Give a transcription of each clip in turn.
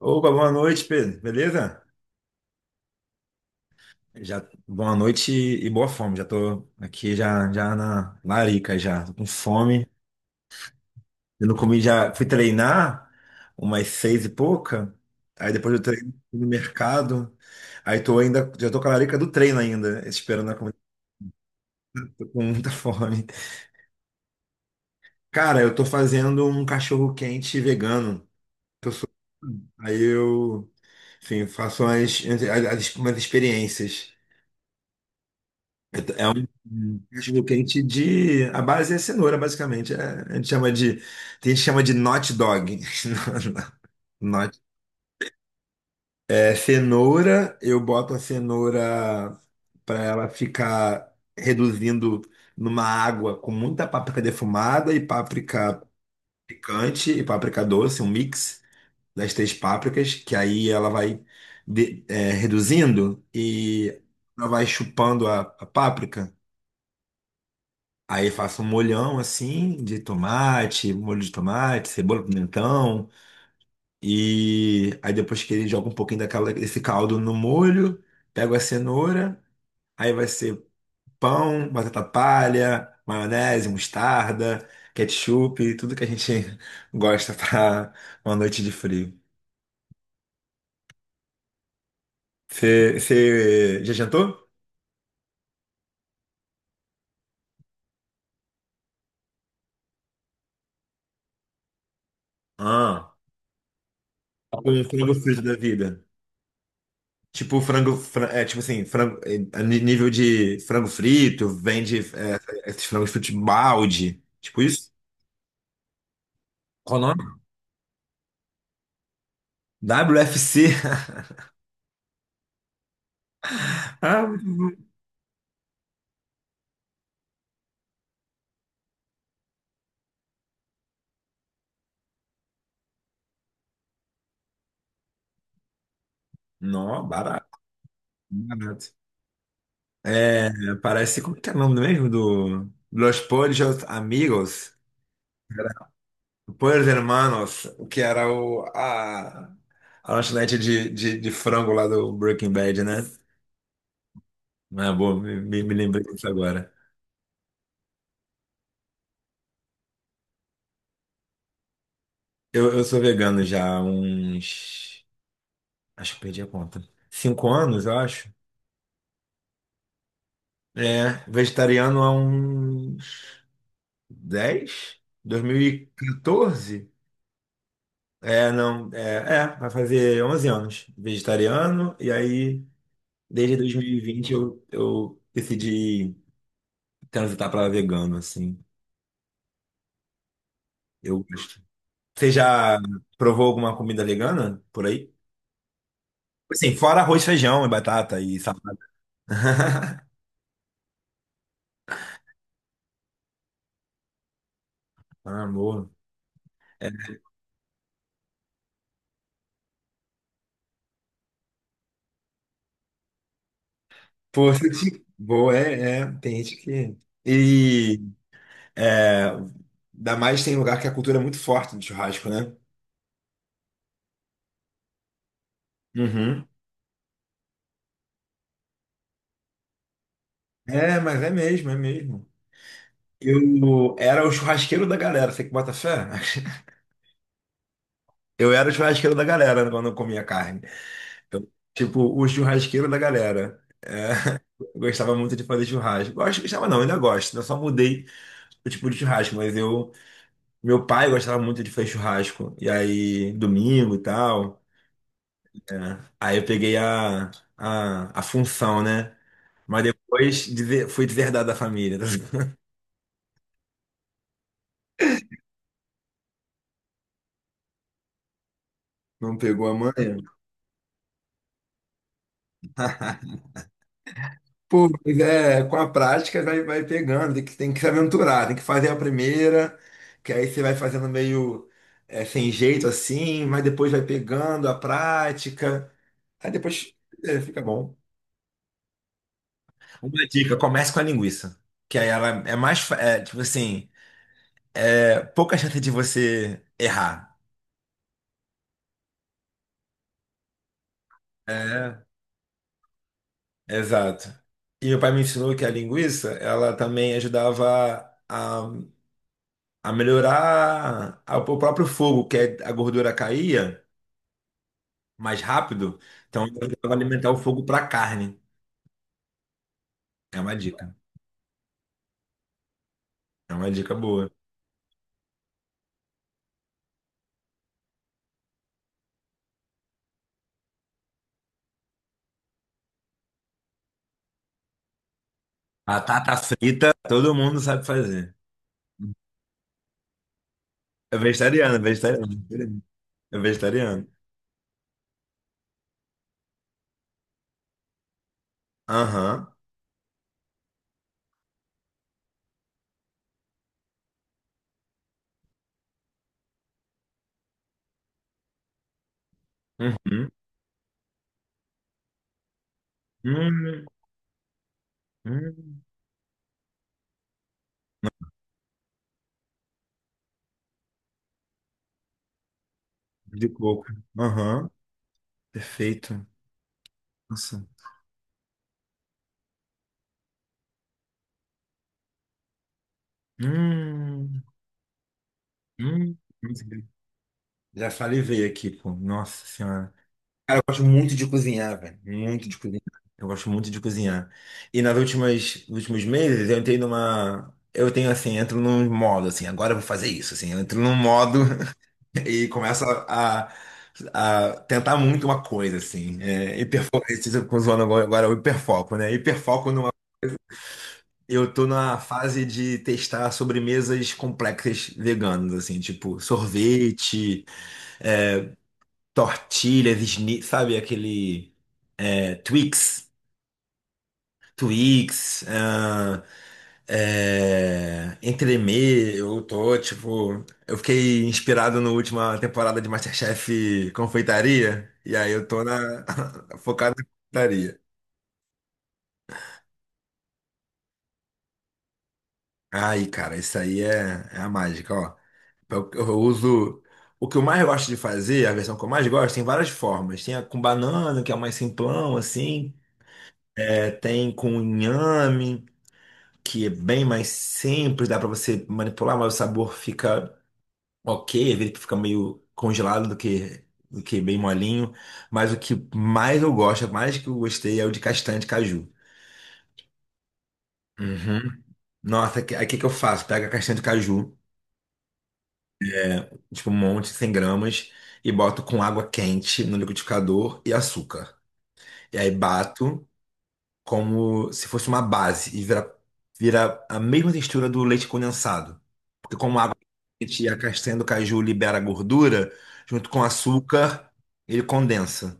Opa, boa noite, Pedro. Beleza? Já, boa noite e boa fome. Já tô aqui já, já na larica já. Tô com fome. Eu não comi já. Fui treinar umas seis e pouca. Aí depois do treino fui no mercado. Aí tô ainda. Já tô com a larica do treino ainda. Esperando a comida. Tô com muita fome. Cara, eu tô fazendo um cachorro quente vegano. Aí eu, enfim, faço umas, umas experiências. É um cachorro quente de. A base é cenoura, basicamente. A gente chama de. Tem gente que chama de not dog. Not. É cenoura, eu boto a cenoura para ela ficar reduzindo numa água com muita páprica defumada e páprica picante e páprica doce, um mix das três pápricas, que aí ela vai é, reduzindo e ela vai chupando a páprica. Aí faço um molhão assim de tomate, molho de tomate, cebola, pimentão. E aí depois que ele joga um pouquinho daquela, desse caldo no molho, pego a cenoura, aí vai ser pão, batata palha, maionese, mostarda, ketchup, tudo que a gente gosta pra uma noite de frio. Você já jantou? Ah, com um frango frito da vida. Tipo frango, é tipo assim, frango, é, nível de frango frito, vende é, esses frangos fritos balde, tipo isso? Qual o nome? WFC. Ah, não, barato, barato. É, parece, como que é o nome mesmo do Los Pollos Amigos? Era Pollos Hermanos, que era a lanchonete de frango lá do Breaking Bad, né? Ah, boa, me lembrei disso agora. Eu sou vegano já há uns. Acho que perdi a conta. Cinco anos, eu acho. É, vegetariano há uns dez? Dois mil e 2014? É, não, é, é, Vai fazer 11 anos vegetariano, e aí desde dois mil e vinte eu decidi transitar para vegano, assim. Eu gosto. Você já provou alguma comida vegana por aí? Assim, fora arroz, feijão e batata e salada. Ah, amor. Pô, boa, tem gente que. E é, ainda mais tem lugar que a cultura é muito forte do churrasco, né? Uhum. É, mas é mesmo, é mesmo. Eu era o churrasqueiro da galera, você que bota fé? Eu era o churrasqueiro da galera quando eu comia carne. Eu, tipo, o churrasqueiro da galera. É, eu gostava muito de fazer churrasco. Gosto, gostava não, ainda gosto. Né? Eu só mudei o tipo de churrasco, mas eu, meu pai gostava muito de fazer churrasco. E aí, domingo e tal. É. Aí eu peguei a função, né? Mas fui deserdado da família. Não pegou a manha? Pô, mas é, com a prática vai, vai pegando, tem que se aventurar, tem que fazer a primeira, que aí você vai fazendo meio é, sem jeito assim, mas depois vai pegando a prática, aí depois é, fica bom. Uma dica, comece com a linguiça. Que aí ela é mais, é, tipo assim, é pouca chance de você errar. É. Exato. E meu pai me ensinou que a linguiça, ela também ajudava a melhorar o próprio fogo, a gordura caía mais rápido, então ela ajudava a alimentar o fogo para carne. É uma dica. É uma dica boa. Batata frita, todo mundo sabe fazer. É vegetariano, é vegetariano. É vegetariano. Aham. Uhum. Hum, hum. De coco. Aham. Perfeito. Nossa. Hum, hum. Já salivei aqui, pô. Nossa senhora. Cara, eu gosto muito de cozinhar, velho. Muito de cozinhar. Eu gosto muito de cozinhar. E nas últimas, nos últimos meses eu entrei numa. Eu tenho assim, entro num modo, assim, agora eu vou fazer isso, assim, eu entro num modo e começo a tentar muito uma coisa, assim. É, hiperfoco, com zoando agora o hiperfoco, né? Hiperfoco numa. Eu tô na fase de testar sobremesas complexas veganas, assim, tipo sorvete, tortilhas, sabe? Aquele é, Twix, Twix, ah, é, entremê, eu tô, tipo, eu fiquei inspirado na última temporada de MasterChef Confeitaria, e aí eu tô na, focado na confeitaria. Aí, cara, isso aí é, é a mágica, ó. Eu uso. O que eu mais gosto de fazer, a versão que eu mais gosto, tem várias formas. Tem a com banana, que é o mais simplão, assim. É, tem com inhame, que é bem mais simples, dá pra você manipular, mas o sabor fica ok, às vezes fica meio congelado do que bem molinho. Mas o que mais eu gosto, mais que eu gostei, é o de castanha de caju. Uhum. Nossa, que- aí o que, que eu faço? Pego a castanha de caju, tipo um monte, 100 gramas, e boto com água quente no liquidificador e açúcar. E aí bato como se fosse uma base e vira, vira a mesma textura do leite condensado. Porque como a água e a castanha do caju libera gordura, junto com o açúcar, ele condensa.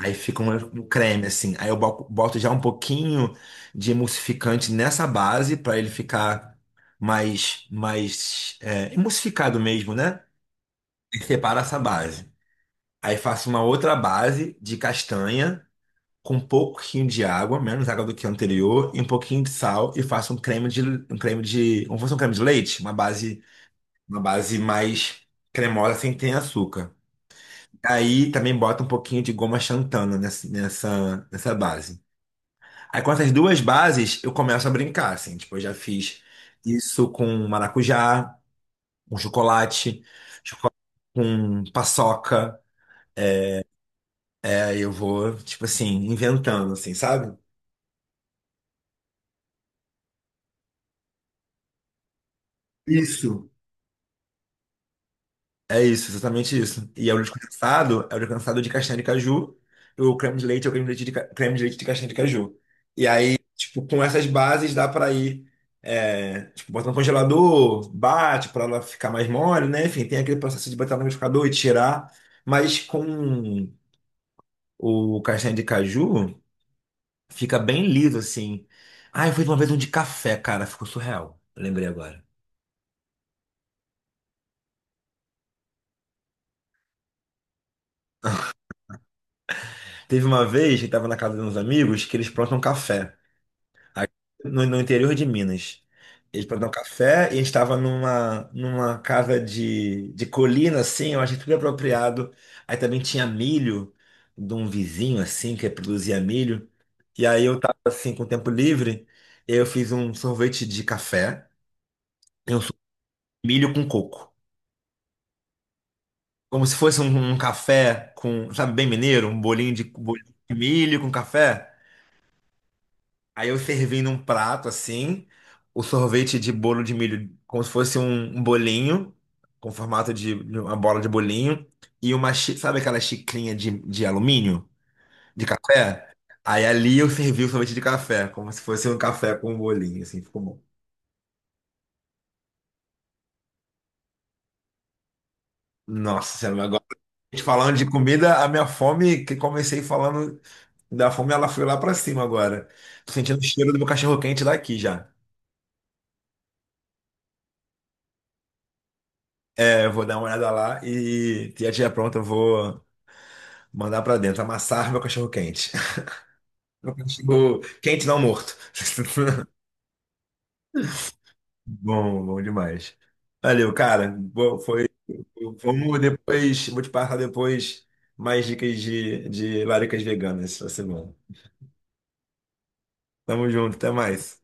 Aí fica um, um creme assim. Aí eu boto já um pouquinho de emulsificante nessa base para ele ficar mais é, emulsificado mesmo, né? E separo essa base. Aí faço uma outra base de castanha com um pouquinho de água, menos água do que o anterior, e um pouquinho de sal e faço um creme de, como se fosse um creme de leite, uma base mais cremosa sem ter açúcar. Aí também bota um pouquinho de goma xantana nessa base. Aí com essas duas bases eu começo a brincar, assim, tipo, eu já fiz isso com maracujá, com chocolate, choco- com paçoca. Aí eu vou, tipo assim, inventando, assim, sabe? Isso. É isso, exatamente isso. E é o leite condensado, é o leite condensado de castanha de caju, e o creme de leite é o creme de leite de, creme de leite de castanha de caju. E aí, tipo, com essas bases dá pra ir, é, tipo, botar no congelador, bate pra ela ficar mais mole, né? Enfim, tem aquele processo de botar no liquidificador e tirar, mas com o castanha de caju fica bem liso, assim. Ah, eu fiz uma vez um de café, cara, ficou surreal. Lembrei agora. Teve uma vez que tava na casa de uns amigos que eles plantam café, aqui no interior de Minas. Eles plantavam café e a gente estava numa, numa casa de colina, assim, eu achei tudo apropriado. Aí também tinha milho de um vizinho, assim, que produzia milho. E aí eu tava, assim, com tempo livre, eu fiz um sorvete de café e um sorvete de milho com coco. Como se fosse um, um café com, sabe, bem mineiro, um bolinho de milho com café. Aí eu servi num prato assim, o sorvete de bolo de milho, como se fosse um um bolinho, com formato de uma bola de bolinho, e uma, sabe aquela xicrinha de alumínio, de café? Aí ali eu servi o sorvete de café, como se fosse um café com um bolinho, assim, ficou bom. Nossa Senhora, agora a gente falando de comida, a minha fome, que comecei falando da fome, ela foi lá pra cima agora. Tô sentindo o cheiro do meu cachorro quente daqui já. É, eu vou dar uma olhada lá e a tia pronta, eu vou. Mandar pra dentro, amassar meu cachorro quente. Meu cachorro quente não morto. Bom, bom demais. Valeu, cara. Boa, foi. Vamos depois, vou te passar depois mais dicas de laricas veganas essa semana. Tamo junto, até mais.